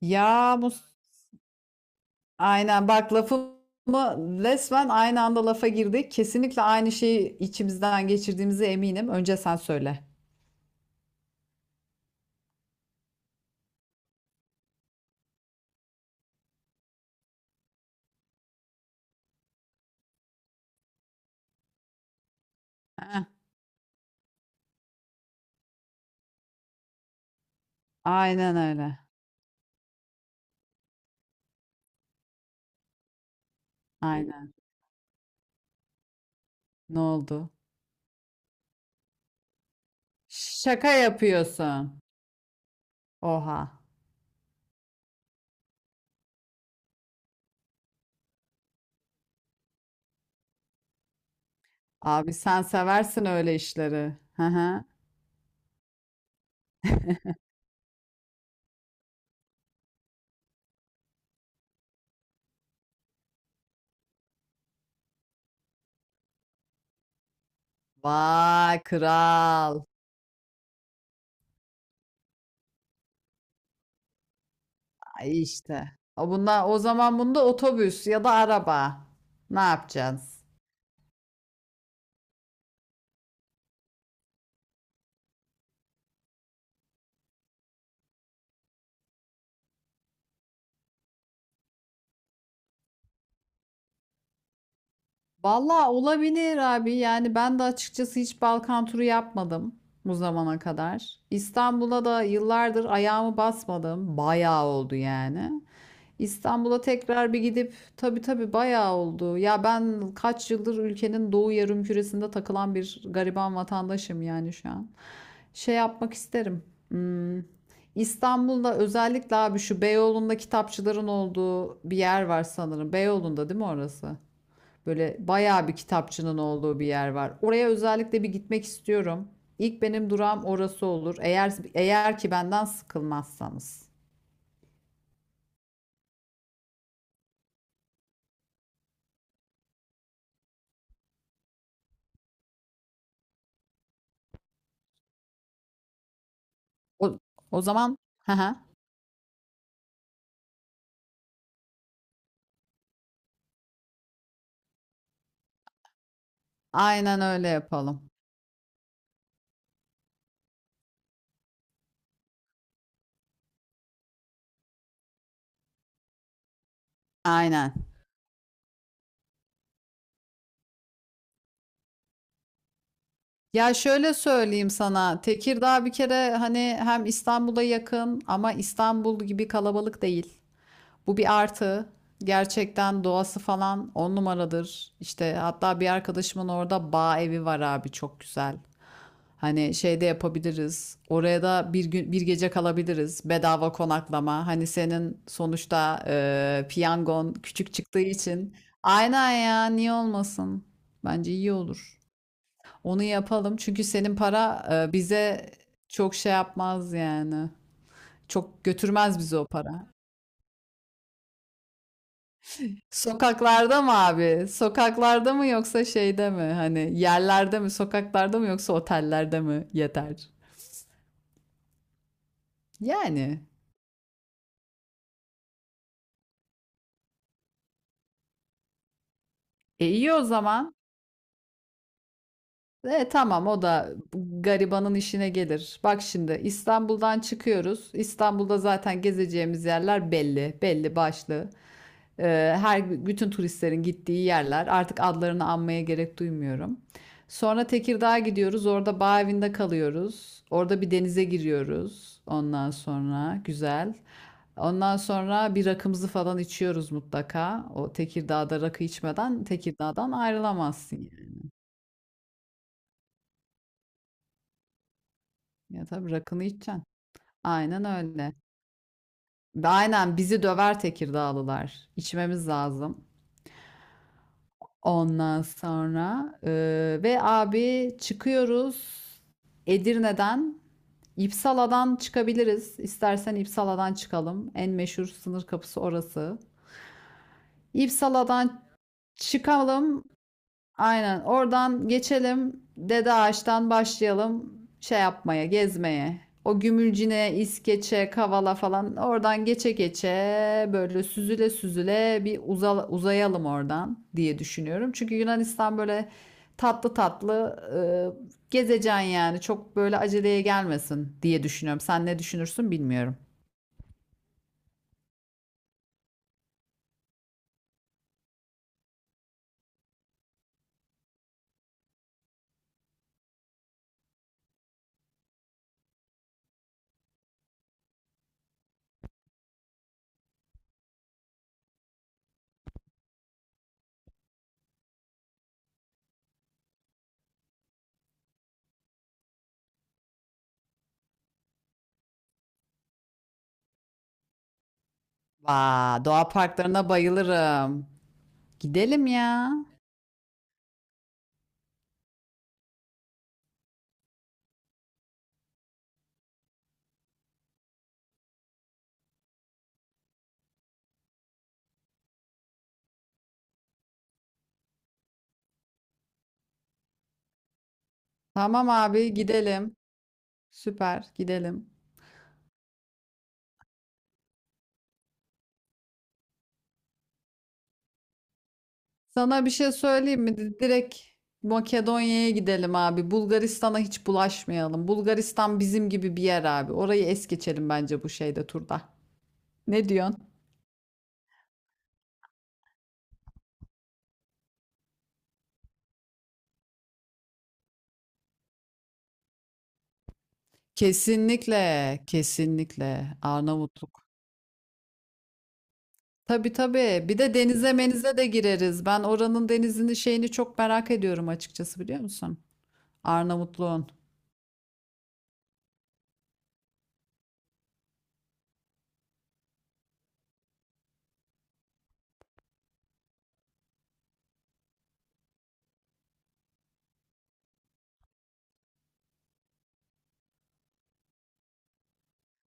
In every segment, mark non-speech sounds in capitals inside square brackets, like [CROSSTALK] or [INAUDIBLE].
Ya Mus aynen bak lafımı resmen aynı anda lafa girdik. Kesinlikle aynı şeyi içimizden geçirdiğimize eminim. Önce sen söyle. Heh, aynen öyle. Aynen. Ne oldu? Şaka yapıyorsun. Oha. Abi sen seversin öyle işleri. Hı hı. Vay kral. Ay işte. O bunlar o zaman bunda otobüs ya da araba. Ne yapacağız? Valla olabilir abi. Yani ben de açıkçası hiç Balkan turu yapmadım bu zamana kadar. İstanbul'a da yıllardır ayağımı basmadım. Bayağı oldu yani. İstanbul'a tekrar bir gidip tabii tabii bayağı oldu. Ya ben kaç yıldır ülkenin doğu yarımküresinde takılan bir gariban vatandaşım yani şu an. Şey yapmak isterim. Hmm, İstanbul'da özellikle abi şu Beyoğlu'nda kitapçıların olduğu bir yer var sanırım. Beyoğlu'nda değil mi orası? Böyle bayağı bir kitapçının olduğu bir yer var. Oraya özellikle bir gitmek istiyorum. İlk benim durağım orası olur. Eğer ki benden sıkılmazsanız. O, o zaman [LAUGHS] hı hı. Aynen öyle yapalım. Aynen. Ya şöyle söyleyeyim sana. Tekirdağ bir kere hani hem İstanbul'a yakın ama İstanbul gibi kalabalık değil. Bu bir artı. Gerçekten doğası falan on numaradır. İşte hatta bir arkadaşımın orada bağ evi var abi çok güzel. Hani şey de yapabiliriz. Oraya da bir gün bir gece kalabiliriz. Bedava konaklama. Hani senin sonuçta piyangon küçük çıktığı için. Aynen ya niye olmasın? Bence iyi olur. Onu yapalım. Çünkü senin para bize çok şey yapmaz yani. Çok götürmez bizi o para. Sokaklarda mı abi? Sokaklarda mı yoksa şeyde mi? Hani yerlerde mi? Sokaklarda mı yoksa otellerde mi? Yeter. Yani. E iyi o zaman. E tamam o da garibanın işine gelir. Bak şimdi İstanbul'dan çıkıyoruz. İstanbul'da zaten gezeceğimiz yerler belli, belli başlı. Her bütün turistlerin gittiği yerler. Artık adlarını anmaya gerek duymuyorum. Sonra Tekirdağ'a gidiyoruz. Orada bağ evinde kalıyoruz. Orada bir denize giriyoruz. Ondan sonra güzel. Ondan sonra bir rakımızı falan içiyoruz mutlaka. O Tekirdağ'da rakı içmeden Tekirdağ'dan ayrılamazsın yani. Ya tabii rakını içeceksin. Aynen öyle. Aynen bizi döver Tekirdağlılar. İçmemiz lazım. Ondan sonra ve abi çıkıyoruz Edirne'den. İpsala'dan çıkabiliriz. İstersen İpsala'dan çıkalım. En meşhur sınır kapısı orası. İpsala'dan çıkalım. Aynen. Oradan geçelim. Dede Ağaç'tan başlayalım şey yapmaya, gezmeye. O Gümülcine, İskeçe, Kavala falan oradan geçe geçe böyle süzüle süzüle bir uzayalım oradan diye düşünüyorum. Çünkü Yunanistan böyle tatlı tatlı gezeceksin yani. Çok böyle aceleye gelmesin diye düşünüyorum. Sen ne düşünürsün bilmiyorum. Vaa, doğa parklarına bayılırım. Gidelim ya. Tamam abi gidelim. Süper gidelim. Sana bir şey söyleyeyim mi? Direkt Makedonya'ya gidelim abi. Bulgaristan'a hiç bulaşmayalım. Bulgaristan bizim gibi bir yer abi. Orayı es geçelim bence bu şeyde turda. Ne diyorsun? Kesinlikle, kesinlikle Arnavutluk. Tabii tabii. Bir de denize menize de gireriz. Ben oranın denizini şeyini çok merak ediyorum açıkçası biliyor musun? Arnavutluğun.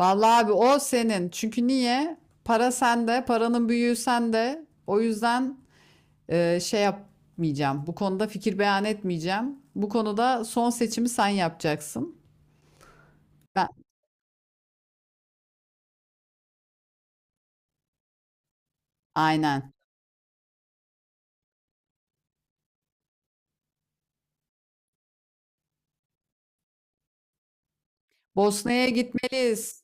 Vallahi abi o senin. Çünkü niye? Para sende, paranın büyüğü sende. O yüzden şey yapmayacağım. Bu konuda fikir beyan etmeyeceğim. Bu konuda son seçimi sen yapacaksın. Ben, aynen. Bosna'ya gitmeliyiz.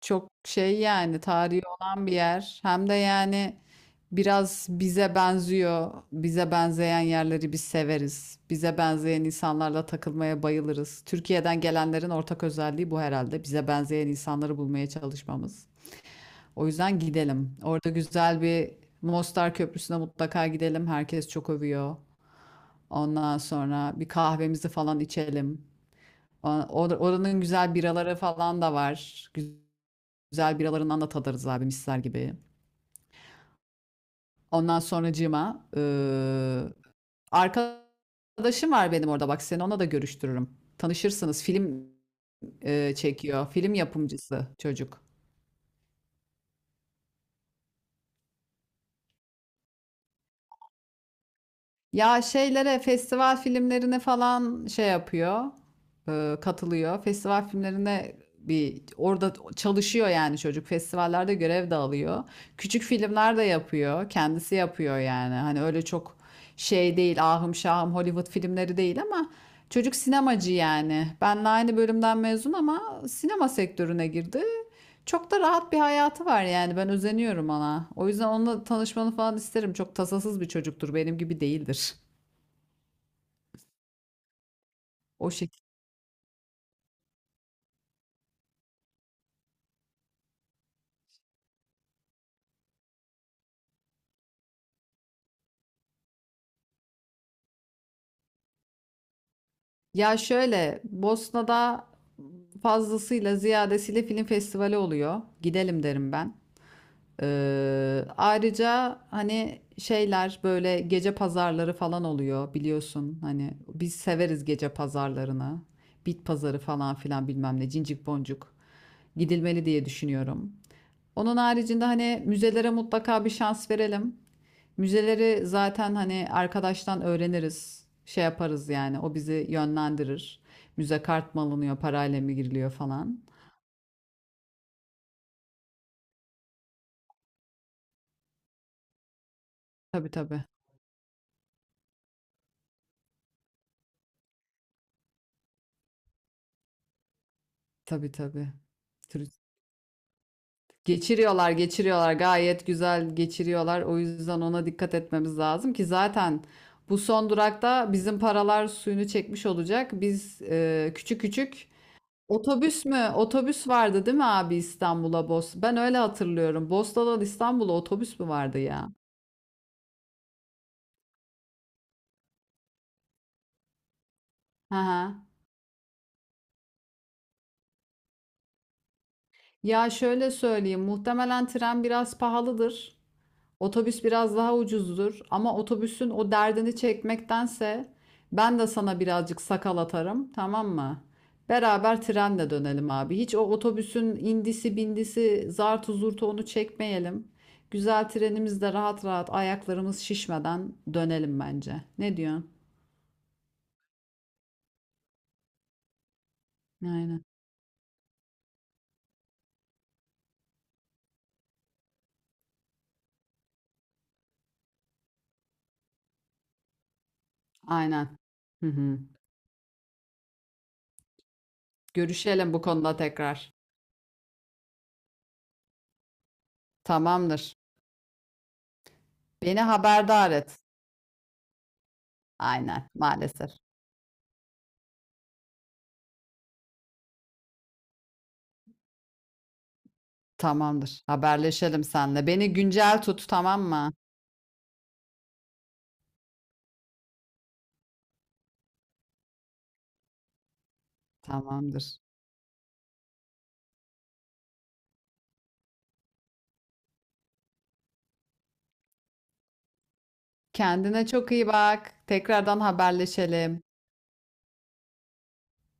Çok şey yani tarihi olan bir yer. Hem de yani biraz bize benziyor. Bize benzeyen yerleri biz severiz. Bize benzeyen insanlarla takılmaya bayılırız. Türkiye'den gelenlerin ortak özelliği bu herhalde. Bize benzeyen insanları bulmaya çalışmamız. O yüzden gidelim. Orada güzel bir Mostar Köprüsü'ne mutlaka gidelim. Herkes çok övüyor. Ondan sonra bir kahvemizi falan içelim. Oranın güzel biraları falan da var. Güzel biralarından da tadarız abi misler gibi. Ondan sonracığıma arkadaşım var benim orada bak seni ona da görüştürürüm. Tanışırsınız. Film çekiyor. Film yapımcısı çocuk. Ya şeylere, festival filmlerine falan şey yapıyor, katılıyor. Festival filmlerine bir orada çalışıyor yani çocuk. Festivallerde görev de alıyor. Küçük filmler de yapıyor, kendisi yapıyor yani. Hani öyle çok şey değil, ahım şahım Hollywood filmleri değil ama çocuk sinemacı yani. Benle aynı bölümden mezun ama sinema sektörüne girdi. Çok da rahat bir hayatı var yani. Ben özeniyorum ona. O yüzden onunla tanışmanı falan isterim. Çok tasasız bir çocuktur. Benim gibi değildir. O şekilde. Ya şöyle Bosna'da fazlasıyla ziyadesiyle film festivali oluyor. Gidelim derim ben. Ayrıca hani şeyler böyle gece pazarları falan oluyor biliyorsun. Hani biz severiz gece pazarlarını. Bit pazarı falan filan bilmem ne cincik boncuk gidilmeli diye düşünüyorum. Onun haricinde hani müzelere mutlaka bir şans verelim. Müzeleri zaten hani arkadaştan öğreniriz. Şey yaparız yani o bizi yönlendirir. Müze kart mı alınıyor, parayla mı giriliyor falan. Tabii tabii. Tabii tabii. Turist. Geçiriyorlar, geçiriyorlar. Gayet güzel geçiriyorlar. O yüzden ona dikkat etmemiz lazım ki zaten bu son durakta bizim paralar suyunu çekmiş olacak. Biz küçük küçük Otobüs mü? Otobüs vardı değil mi abi İstanbul'a Bos? Ben öyle hatırlıyorum. Bosna'dan İstanbul'a otobüs mü vardı ya? Hı hı. Ya şöyle söyleyeyim, muhtemelen tren biraz pahalıdır. Otobüs biraz daha ucuzdur ama otobüsün o derdini çekmektense ben de sana birazcık sakal atarım, tamam mı? Beraber trenle dönelim abi. Hiç o otobüsün indisi bindisi zartu zurtu onu çekmeyelim. Güzel trenimizde rahat rahat ayaklarımız şişmeden dönelim bence. Ne diyorsun? Aynen. Aynen. Hı hı. Görüşelim bu konuda tekrar. Tamamdır. Beni haberdar et. Aynen, maalesef. Tamamdır. Haberleşelim seninle. Beni güncel tut, tamam mı? Tamamdır. Kendine çok iyi bak. Tekrardan haberleşelim.